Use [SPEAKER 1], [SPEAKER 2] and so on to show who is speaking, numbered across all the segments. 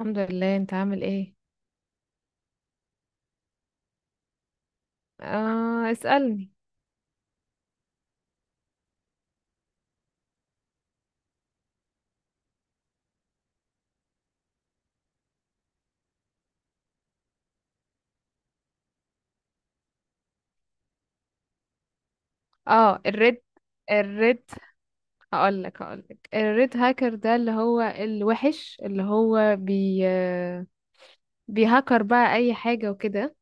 [SPEAKER 1] الحمد لله، انت عامل ايه؟ آه، اسألني. اه، الريد، الريد. هقولك هقولك الريد هاكر ده اللي هو الوحش، اللي هو بيهكر بقى اي حاجة وكده.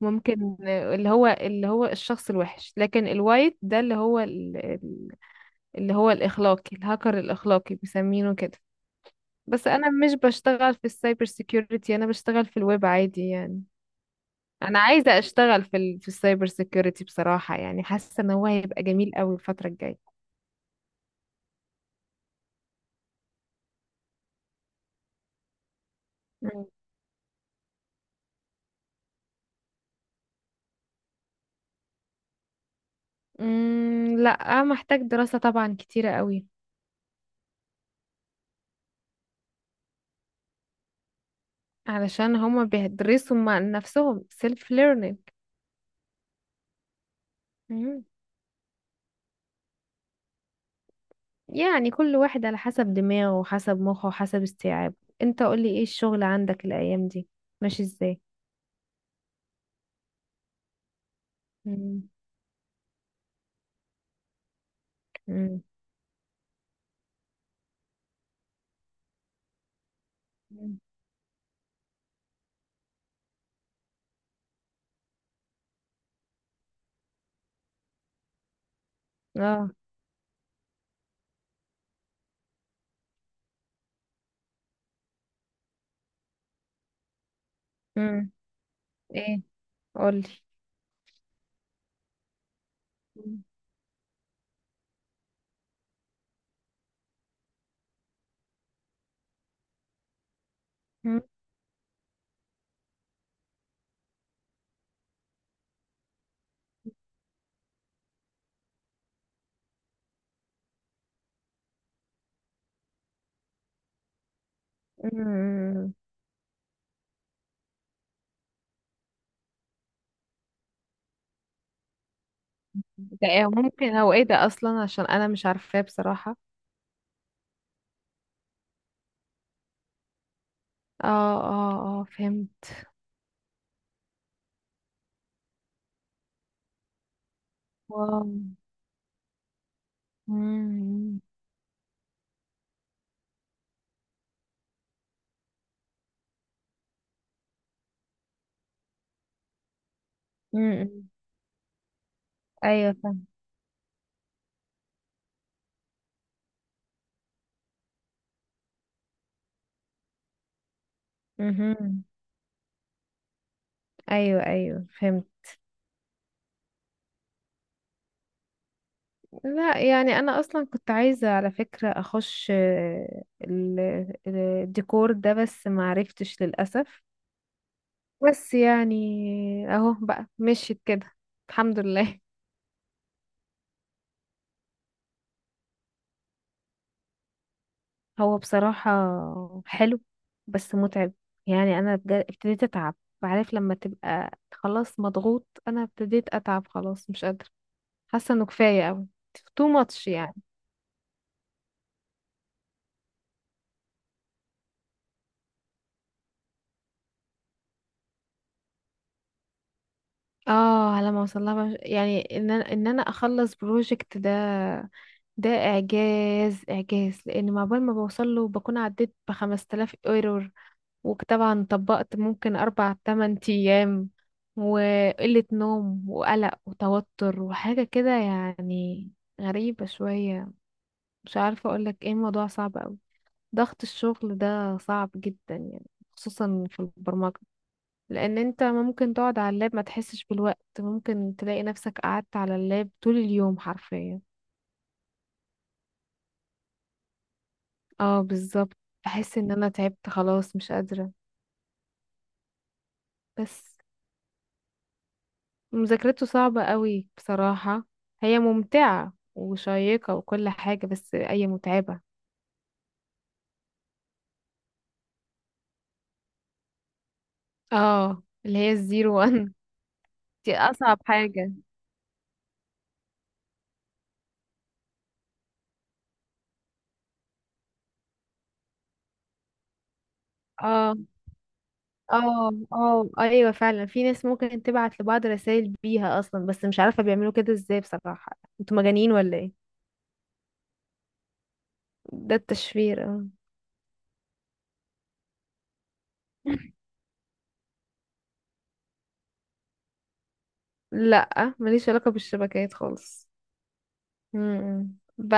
[SPEAKER 1] ممكن اللي هو الشخص الوحش، لكن الوايت ده اللي هو الاخلاقي، الهاكر الاخلاقي بيسمينه كده. بس انا مش بشتغل في السايبر سيكيورتي، انا بشتغل في الويب عادي يعني. انا عايزه اشتغل في السايبر سيكيورتي بصراحه، يعني حاسه ان هو هيبقى جميل قوي الفتره الجايه. مم. لا، محتاج دراسه طبعا كتيره قوي. علشان هما بيدرسوا مع نفسهم سيلف ليرنينج. يعني كل واحد على حسب دماغه وحسب مخه وحسب استيعابه. انت قولي ايه الشغل عندك الايام دي؟ ماشي ازاي؟ مم. مم. مم. اه. مم. ايه؟ قولي. مم. مم. ده إيه؟ ممكن هو ايه ده اصلا؟ عشان انا مش عارفاه بصراحة. اه، اه اه، فهمت. واو. مم. مم. ايوه، فاهم. مهم. ايوه ايوه، فهمت. لا يعني انا اصلا كنت عايزة على فكرة اخش ال- الديكور ده، بس ما عرفتش للأسف. بس يعني، اهو بقى، مشيت كده الحمد لله. هو بصراحة حلو، بس متعب. يعني أنا بجد ابتديت أتعب. عارف لما تبقى خلاص مضغوط؟ أنا ابتديت أتعب خلاص، مش قادرة. حاسة إنه كفاية أوي، too much يعني. اه، على ما وصلها بقى، يعني إن أنا أخلص بروجكت ده، ده إعجاز إعجاز. لأن مع بال ما بوصله بكون عديت بخمس تلاف ايرور. وطبعا ممكن أربع تمن أيام وقلة نوم وقلق وتوتر وحاجة كده يعني، غريبة شوية. مش عارفة أقولك ايه، الموضوع صعب أوي. ضغط الشغل ده صعب جدا يعني، خصوصا في البرمجة. لأن انت ممكن تقعد على اللاب ما تحسش بالوقت، ممكن تلاقي نفسك قعدت على اللاب طول اليوم حرفيا. اه بالظبط. بحس ان انا تعبت خلاص، مش قادرة. بس، مذاكرته صعبة قوي بصراحة. هي ممتعة وشيقة وكل حاجة، بس أي متعبة. اه، اللي هي الزيرو وان. دي أصعب حاجة. اه اه اه، ايوه فعلا، في ناس ممكن تبعت لبعض رسائل بيها اصلا، بس مش عارفة بيعملوا كده ازاي بصراحة، انتوا مجانين ولا ايه؟ ده التشفير، اه. لا، ماليش علاقة بالشبكات خالص. امم ب...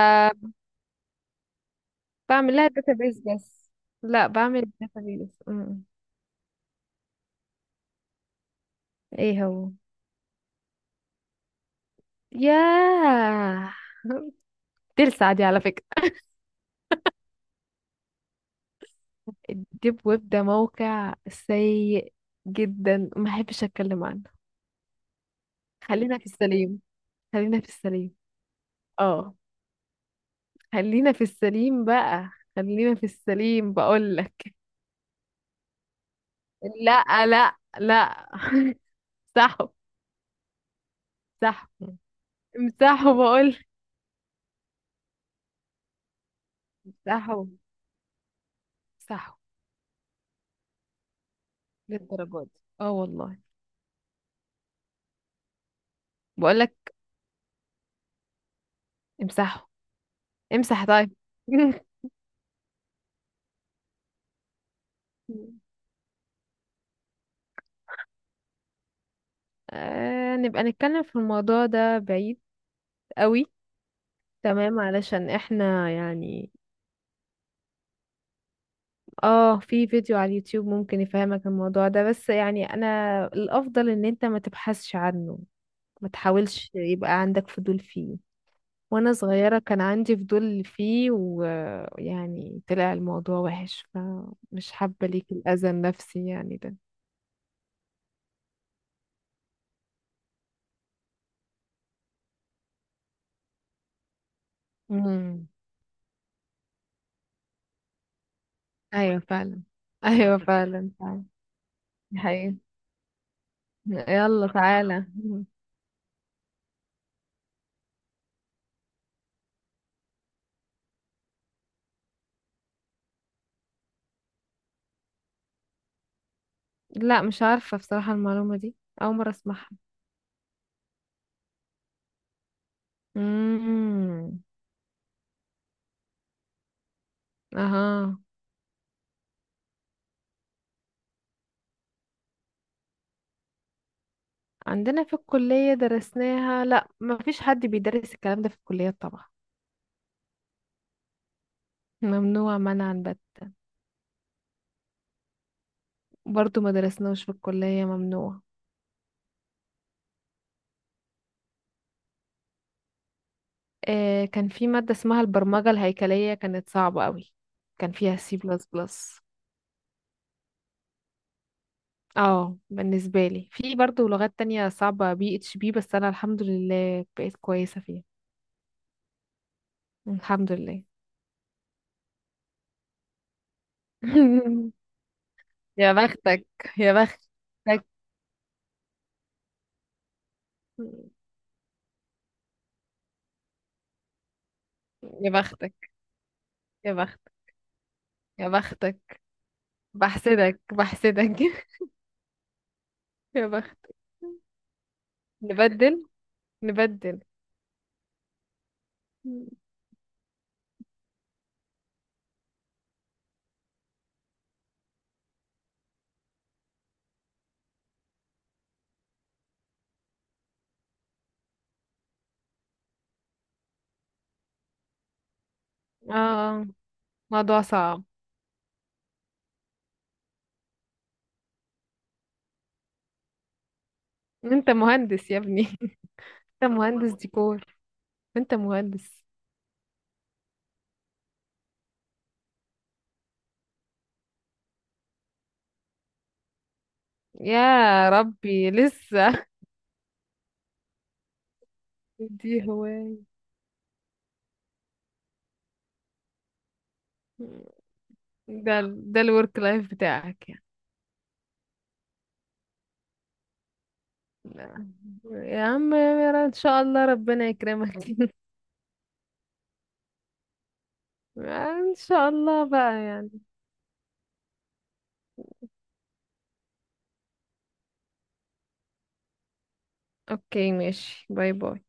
[SPEAKER 1] بعمل لها داتابيز بس. لا، بعمل داتابيز. ايه هو؟ ياه، تلسع دي على فكرة. الديب ويب ده موقع سيء جدا، ما احبش اتكلم عنه. خلينا في السليم، خلينا في السليم. اه، خلينا في السليم بقى، خلينا في السليم بقول لك. لا لا لا. امسحوا، امسحوا. امسحوا بقول، امسحوا، امسحوا. للدرجة دي، اه والله. بقول لك امسحوا. امسح طيب. نبقى نتكلم في الموضوع ده بعيد قوي. تمام، علشان احنا يعني. اه، في فيديو على اليوتيوب ممكن يفهمك الموضوع ده. بس يعني انا الافضل ان انت ما تبحثش عنه، ما تحاولش يبقى عندك فضول فيه. وانا صغيرة كان عندي فضول فيه، ويعني طلع الموضوع وحش، فمش حابة ليك الاذى النفسي يعني ده. امم، ايوه فعلا. ايوه فعلا فعلا، دي حقيقة. يلا تعالى. لا، مش عارفة بصراحة المعلومة دي، اول مرة اسمعها. امم، اها. عندنا في الكلية درسناها؟ لا، ما فيش حد بيدرس الكلام ده في الكلية طبعا، ممنوع منعا بت. برضو ما درسناهوش في الكلية، ممنوع. آه، كان في مادة اسمها البرمجة الهيكلية، كانت صعبة قوي، كان فيها سي بلس بلس. اه بالنسبة لي، في برضو لغات تانية صعبة، بي اتش بي، بس انا الحمد لله بقيت كويسة فيها. الحمد لله. يا بختك، يا بختك، يا بختك، يا بختك، يا بختك. بحسدك بحسدك. يا بخت، نبدل، نبدل. اه، موضوع صعب. انت مهندس يا ابني. انت مهندس ديكور، انت مهندس. يا ربي، لسه. دي هواية. ده الورك لايف بتاعك يعني؟ لا. يا عم، يا رب ان شاء الله ربنا يكرمك. ان شاء الله بقى يعني. اوكي ماشي، باي باي.